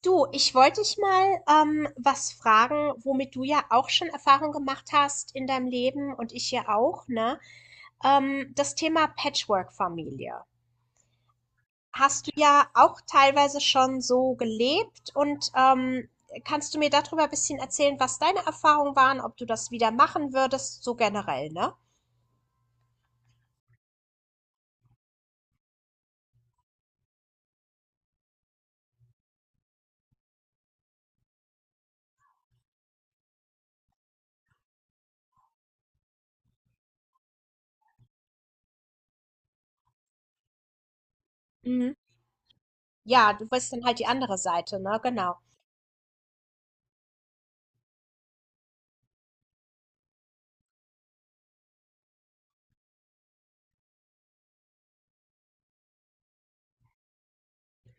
Du, ich wollte dich mal was fragen, womit du ja auch schon Erfahrung gemacht hast in deinem Leben und ich ja auch, ne? Das Thema Patchwork-Familie. Hast du ja auch teilweise schon so gelebt und kannst du mir darüber ein bisschen erzählen, was deine Erfahrungen waren, ob du das wieder machen würdest, so generell, ne? Mhm. Ja, du weißt dann halt die andere Seite, ne? Genau.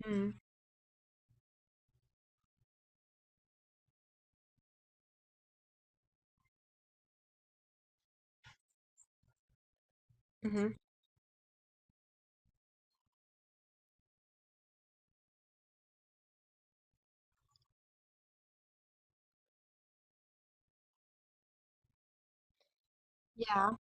Mhm. Mhm. Ja.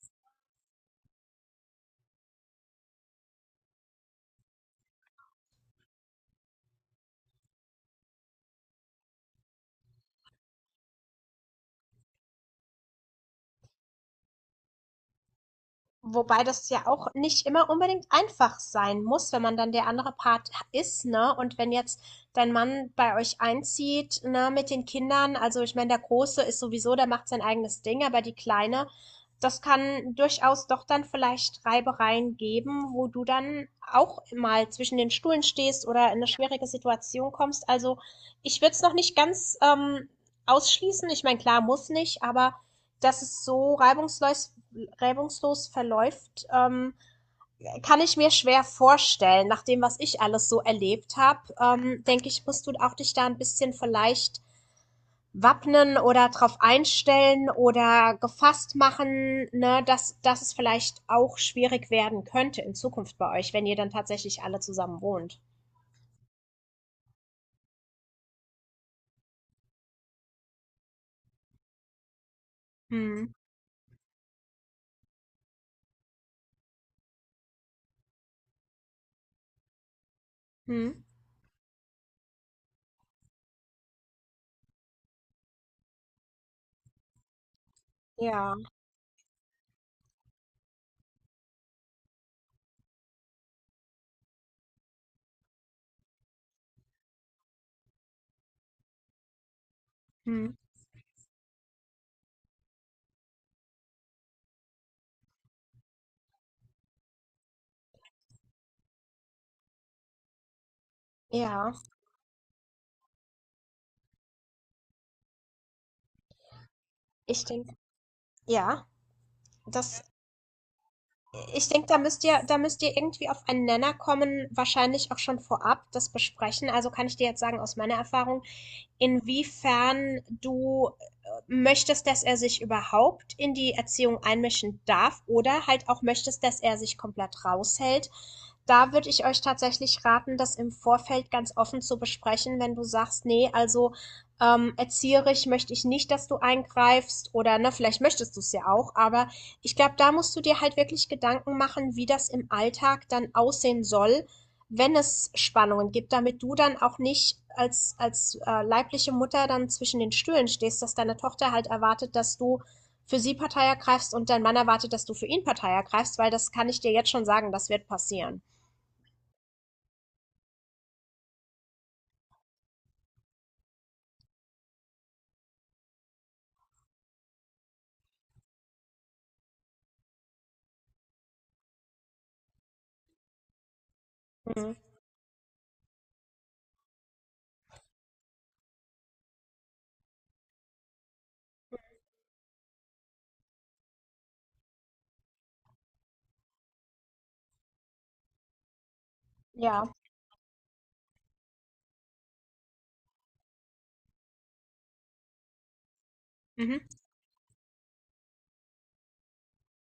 Wobei das ja auch nicht immer unbedingt einfach sein muss, wenn man dann der andere Part ist, ne? Und wenn jetzt dein Mann bei euch einzieht, ne, mit den Kindern, also ich meine, der Große ist sowieso, der macht sein eigenes Ding, aber die Kleine, das kann durchaus doch dann vielleicht Reibereien geben, wo du dann auch mal zwischen den Stühlen stehst oder in eine schwierige Situation kommst. Also ich würde es noch nicht ganz ausschließen. Ich meine, klar, muss nicht, aber dass es so reibungslos verläuft, kann ich mir schwer vorstellen. Nach dem, was ich alles so erlebt habe, denke ich, musst du auch dich da ein bisschen vielleicht wappnen oder drauf einstellen oder gefasst machen, ne, dass es vielleicht auch schwierig werden könnte in Zukunft bei euch, wenn ihr dann tatsächlich alle zusammen wohnt. Hm. Hm. Ja. Hm. Ja. Ich denke, ja, das ich denke, da müsst ihr irgendwie auf einen Nenner kommen, wahrscheinlich auch schon vorab das besprechen. Also kann ich dir jetzt sagen, aus meiner Erfahrung, inwiefern du möchtest, dass er sich überhaupt in die Erziehung einmischen darf oder halt auch möchtest, dass er sich komplett raushält. Da würde ich euch tatsächlich raten, das im Vorfeld ganz offen zu besprechen, wenn du sagst, nee, also erzieherisch möchte ich nicht, dass du eingreifst oder ne, vielleicht möchtest du es ja auch, aber ich glaube, da musst du dir halt wirklich Gedanken machen, wie das im Alltag dann aussehen soll, wenn es Spannungen gibt, damit du dann auch nicht als leibliche Mutter dann zwischen den Stühlen stehst, dass deine Tochter halt erwartet, dass du für sie Partei ergreifst und dein Mann erwartet, dass du für ihn Partei ergreifst, weil das kann ich dir jetzt schon sagen, das wird passieren. Mhm. Ja. Mhm.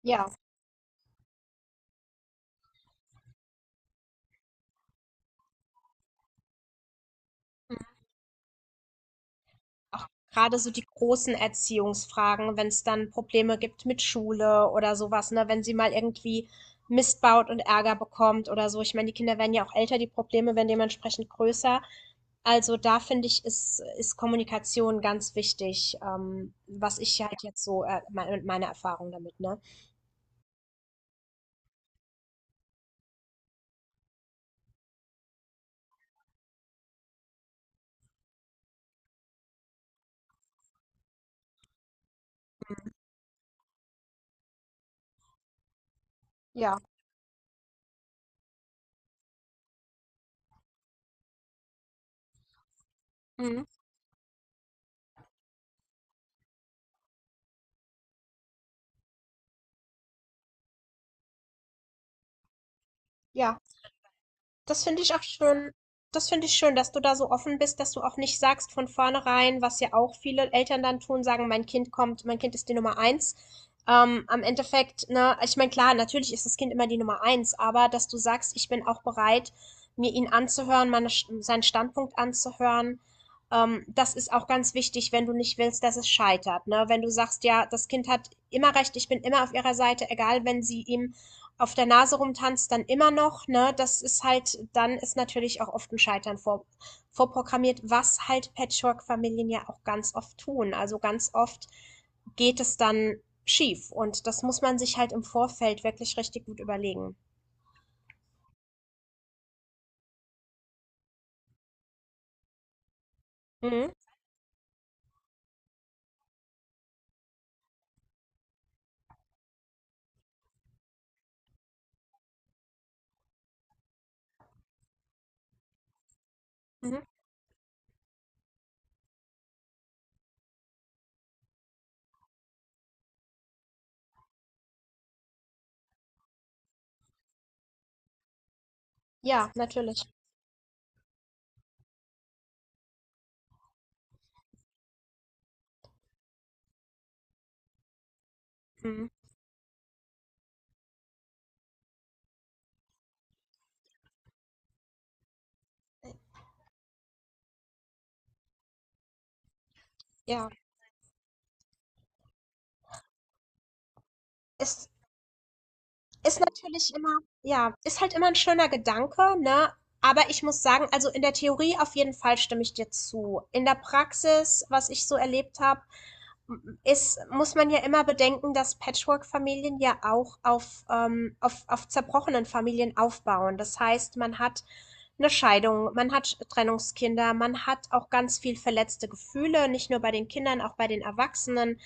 Ja, auch gerade so die großen Erziehungsfragen, wenn es dann Probleme gibt mit Schule oder sowas, ne? Wenn sie mal irgendwie Mist baut und Ärger bekommt oder so. Ich meine, die Kinder werden ja auch älter, die Probleme werden dementsprechend größer. Also da finde ich, ist Kommunikation ganz wichtig, was ich halt jetzt so, meine Erfahrung damit, ne? Ja, mhm, ja. Das finde ich auch schön. Das finde ich schön, dass du da so offen bist, dass du auch nicht sagst von vornherein, was ja auch viele Eltern dann tun, sagen, mein Kind kommt, mein Kind ist die Nummer eins. Am Endeffekt, ne, ich meine, klar, natürlich ist das Kind immer die Nummer eins, aber dass du sagst, ich bin auch bereit, mir seinen Standpunkt anzuhören, das ist auch ganz wichtig, wenn du nicht willst, dass es scheitert, ne? Wenn du sagst, ja, das Kind hat immer recht, ich bin immer auf ihrer Seite, egal wenn sie ihm auf der Nase rumtanzt, dann immer noch, ne, das ist halt, dann ist natürlich auch oft ein vorprogrammiert, was halt Patchwork-Familien ja auch ganz oft tun. Also ganz oft geht es dann schief und das muss man sich halt im Vorfeld wirklich richtig gut überlegen. Mhm. Mhm. Ja, natürlich. Mhm. Ja, ist, ist natürlich immer, ja, ist halt immer ein schöner Gedanke, ne, aber ich muss sagen, also in der Theorie auf jeden Fall stimme ich dir zu. In der Praxis, was ich so erlebt habe, ist, muss man ja immer bedenken, dass Patchwork-Familien ja auch auf zerbrochenen Familien aufbauen. Das heißt, man hat eine Scheidung, man hat Trennungskinder, man hat auch ganz viel verletzte Gefühle, nicht nur bei den Kindern, auch bei den Erwachsenen.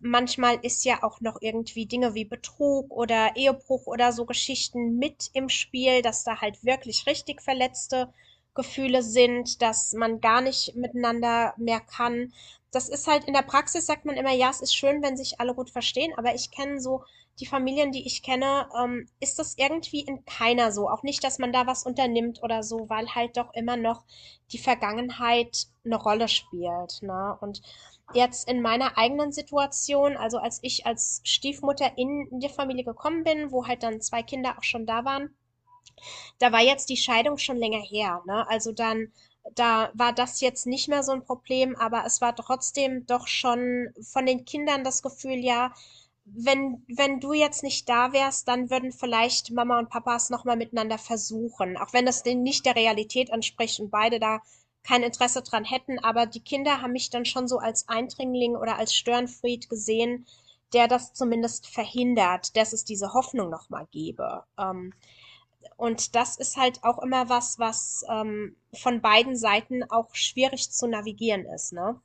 Manchmal ist ja auch noch irgendwie Dinge wie Betrug oder Ehebruch oder so Geschichten mit im Spiel, dass da halt wirklich richtig verletzte Gefühle sind, dass man gar nicht miteinander mehr kann. Das ist halt in der Praxis, sagt man immer, ja, es ist schön, wenn sich alle gut verstehen, aber ich kenne so die Familien, die ich kenne, ist das irgendwie in keiner so. Auch nicht, dass man da was unternimmt oder so, weil halt doch immer noch die Vergangenheit eine Rolle spielt, ne? Und jetzt in meiner eigenen Situation, also als ich als Stiefmutter in die Familie gekommen bin, wo halt dann zwei Kinder auch schon da waren, da war jetzt die Scheidung schon länger her, ne? Also dann, da war das jetzt nicht mehr so ein Problem, aber es war trotzdem doch schon von den Kindern das Gefühl, ja, wenn du jetzt nicht da wärst, dann würden vielleicht Mama und Papa es nochmal miteinander versuchen. Auch wenn das denn nicht der Realität entspricht und beide da kein Interesse dran hätten. Aber die Kinder haben mich dann schon so als Eindringling oder als Störenfried gesehen, der das zumindest verhindert, dass es diese Hoffnung nochmal gäbe. Und das ist halt auch immer was, was von beiden Seiten auch schwierig zu navigieren ist, ne?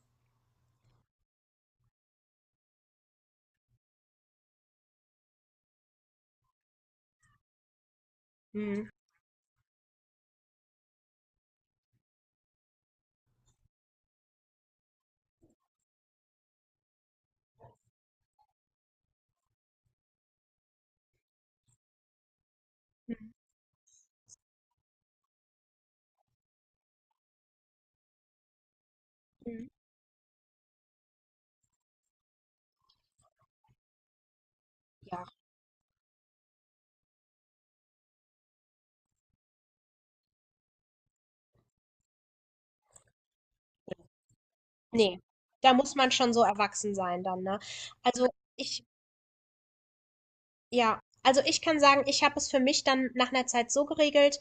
Mhm. Mhm. Ja, ne, da muss man schon so erwachsen sein dann, ne? Also, ich ja, also ich kann sagen, ich habe es für mich dann nach einer Zeit so geregelt,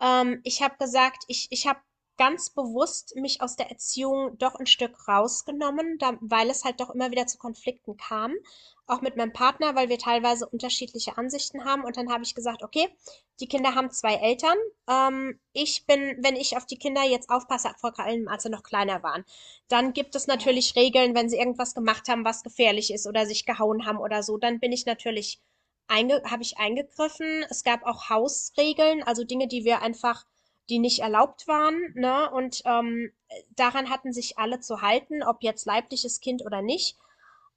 ich habe gesagt, ich habe ganz bewusst mich aus der Erziehung doch ein Stück rausgenommen, da weil es halt doch immer wieder zu Konflikten kam, auch mit meinem Partner, weil wir teilweise unterschiedliche Ansichten haben. Und dann habe ich gesagt: „Okay, die Kinder haben 2 Eltern. Ich bin Wenn ich auf die Kinder jetzt aufpasse, vor allem als sie noch kleiner waren, dann gibt es Ja. natürlich Regeln, wenn sie irgendwas gemacht haben, was gefährlich ist oder sich gehauen haben oder so, dann bin ich natürlich einge habe ich eingegriffen. Es gab auch Hausregeln, also Dinge, die wir einfach, die nicht erlaubt waren, ne? Und daran hatten sich alle zu halten, ob jetzt leibliches Kind oder nicht.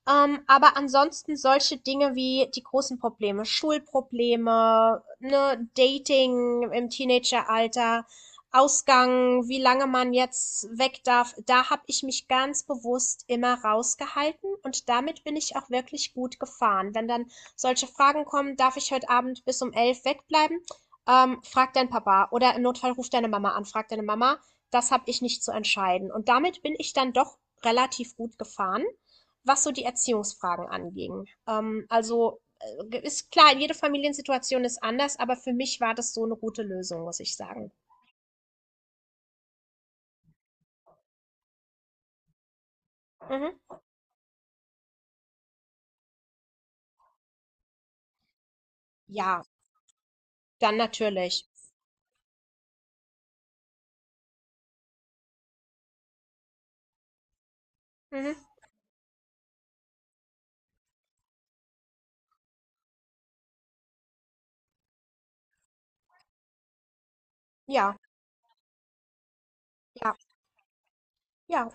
Aber ansonsten solche Dinge wie die großen Probleme, Schulprobleme, ne, Dating im Teenageralter, Ausgang, wie lange man jetzt weg darf, da habe ich mich ganz bewusst immer rausgehalten und damit bin ich auch wirklich gut gefahren. Wenn dann solche Fragen kommen, darf ich heute Abend bis um elf wegbleiben? Frag deinen Papa oder im Notfall ruf deine Mama an, frag deine Mama. Das habe ich nicht zu entscheiden. Und damit bin ich dann doch relativ gut gefahren, was so die Erziehungsfragen anging. Ist klar, jede Familiensituation ist anders, aber für mich war das so eine gute Lösung, muss ich sagen. Mhm. Ja, dann natürlich. Mhm. Ja, ja, ja,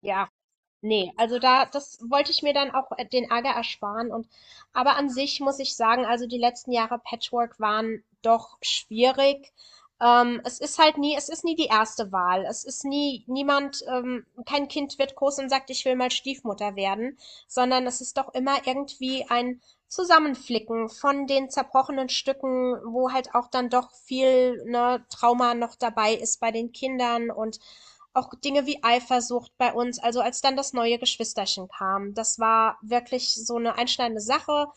ja. Ne, also da das wollte ich mir dann auch den Ärger ersparen und aber an sich muss ich sagen, also die letzten Jahre Patchwork waren doch schwierig. Es ist nie die erste Wahl. Es ist nie niemand, kein Kind wird groß und sagt, ich will mal Stiefmutter werden, sondern es ist doch immer irgendwie ein Zusammenflicken von den zerbrochenen Stücken, wo halt auch dann doch viel, ne, Trauma noch dabei ist bei den Kindern und auch Dinge wie Eifersucht bei uns, also als dann das neue Geschwisterchen kam. Das war wirklich so eine einschneidende Sache.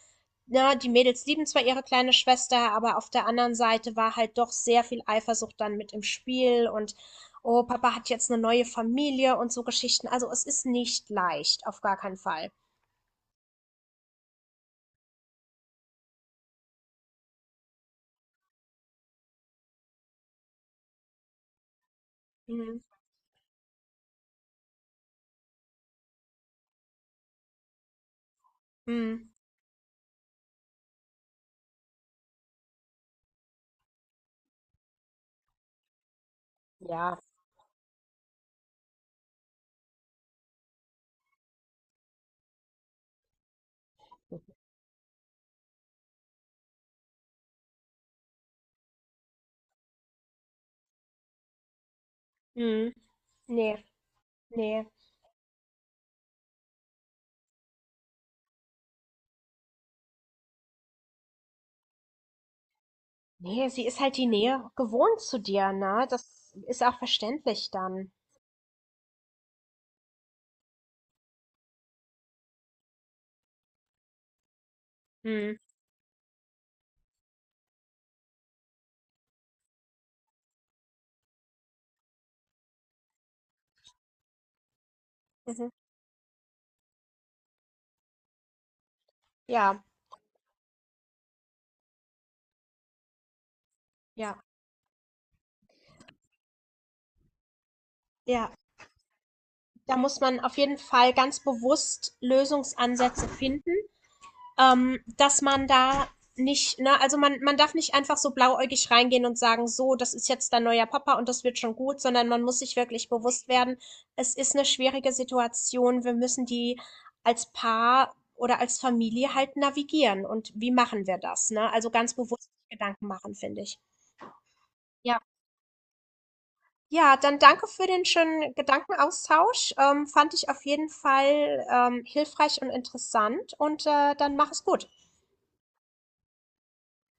Na, die Mädels lieben zwar ihre kleine Schwester, aber auf der anderen Seite war halt doch sehr viel Eifersucht dann mit im Spiel und oh, Papa hat jetzt eine neue Familie und so Geschichten. Also es ist nicht leicht, auf gar keinen Fall. Mhm. Mhm. Ja, Mhm. Nee, nee. Nee, sie ist halt die Nähe gewohnt zu dir, ne? Das ist auch verständlich dann. Mhm. Mhm. Ja, ja. Ja, da muss man auf jeden Fall ganz bewusst Lösungsansätze finden, dass man da nicht, ne, also man darf nicht einfach so blauäugig reingehen und sagen, so, das ist jetzt dein neuer Papa und das wird schon gut, sondern man muss sich wirklich bewusst werden, es ist eine schwierige Situation, wir müssen die als Paar oder als Familie halt navigieren. Und wie machen wir das, ne? Also ganz bewusst Gedanken machen, finde ich. Ja. Ja, dann danke für den schönen Gedankenaustausch. Fand ich auf jeden Fall, hilfreich und interessant und, dann mach es gut.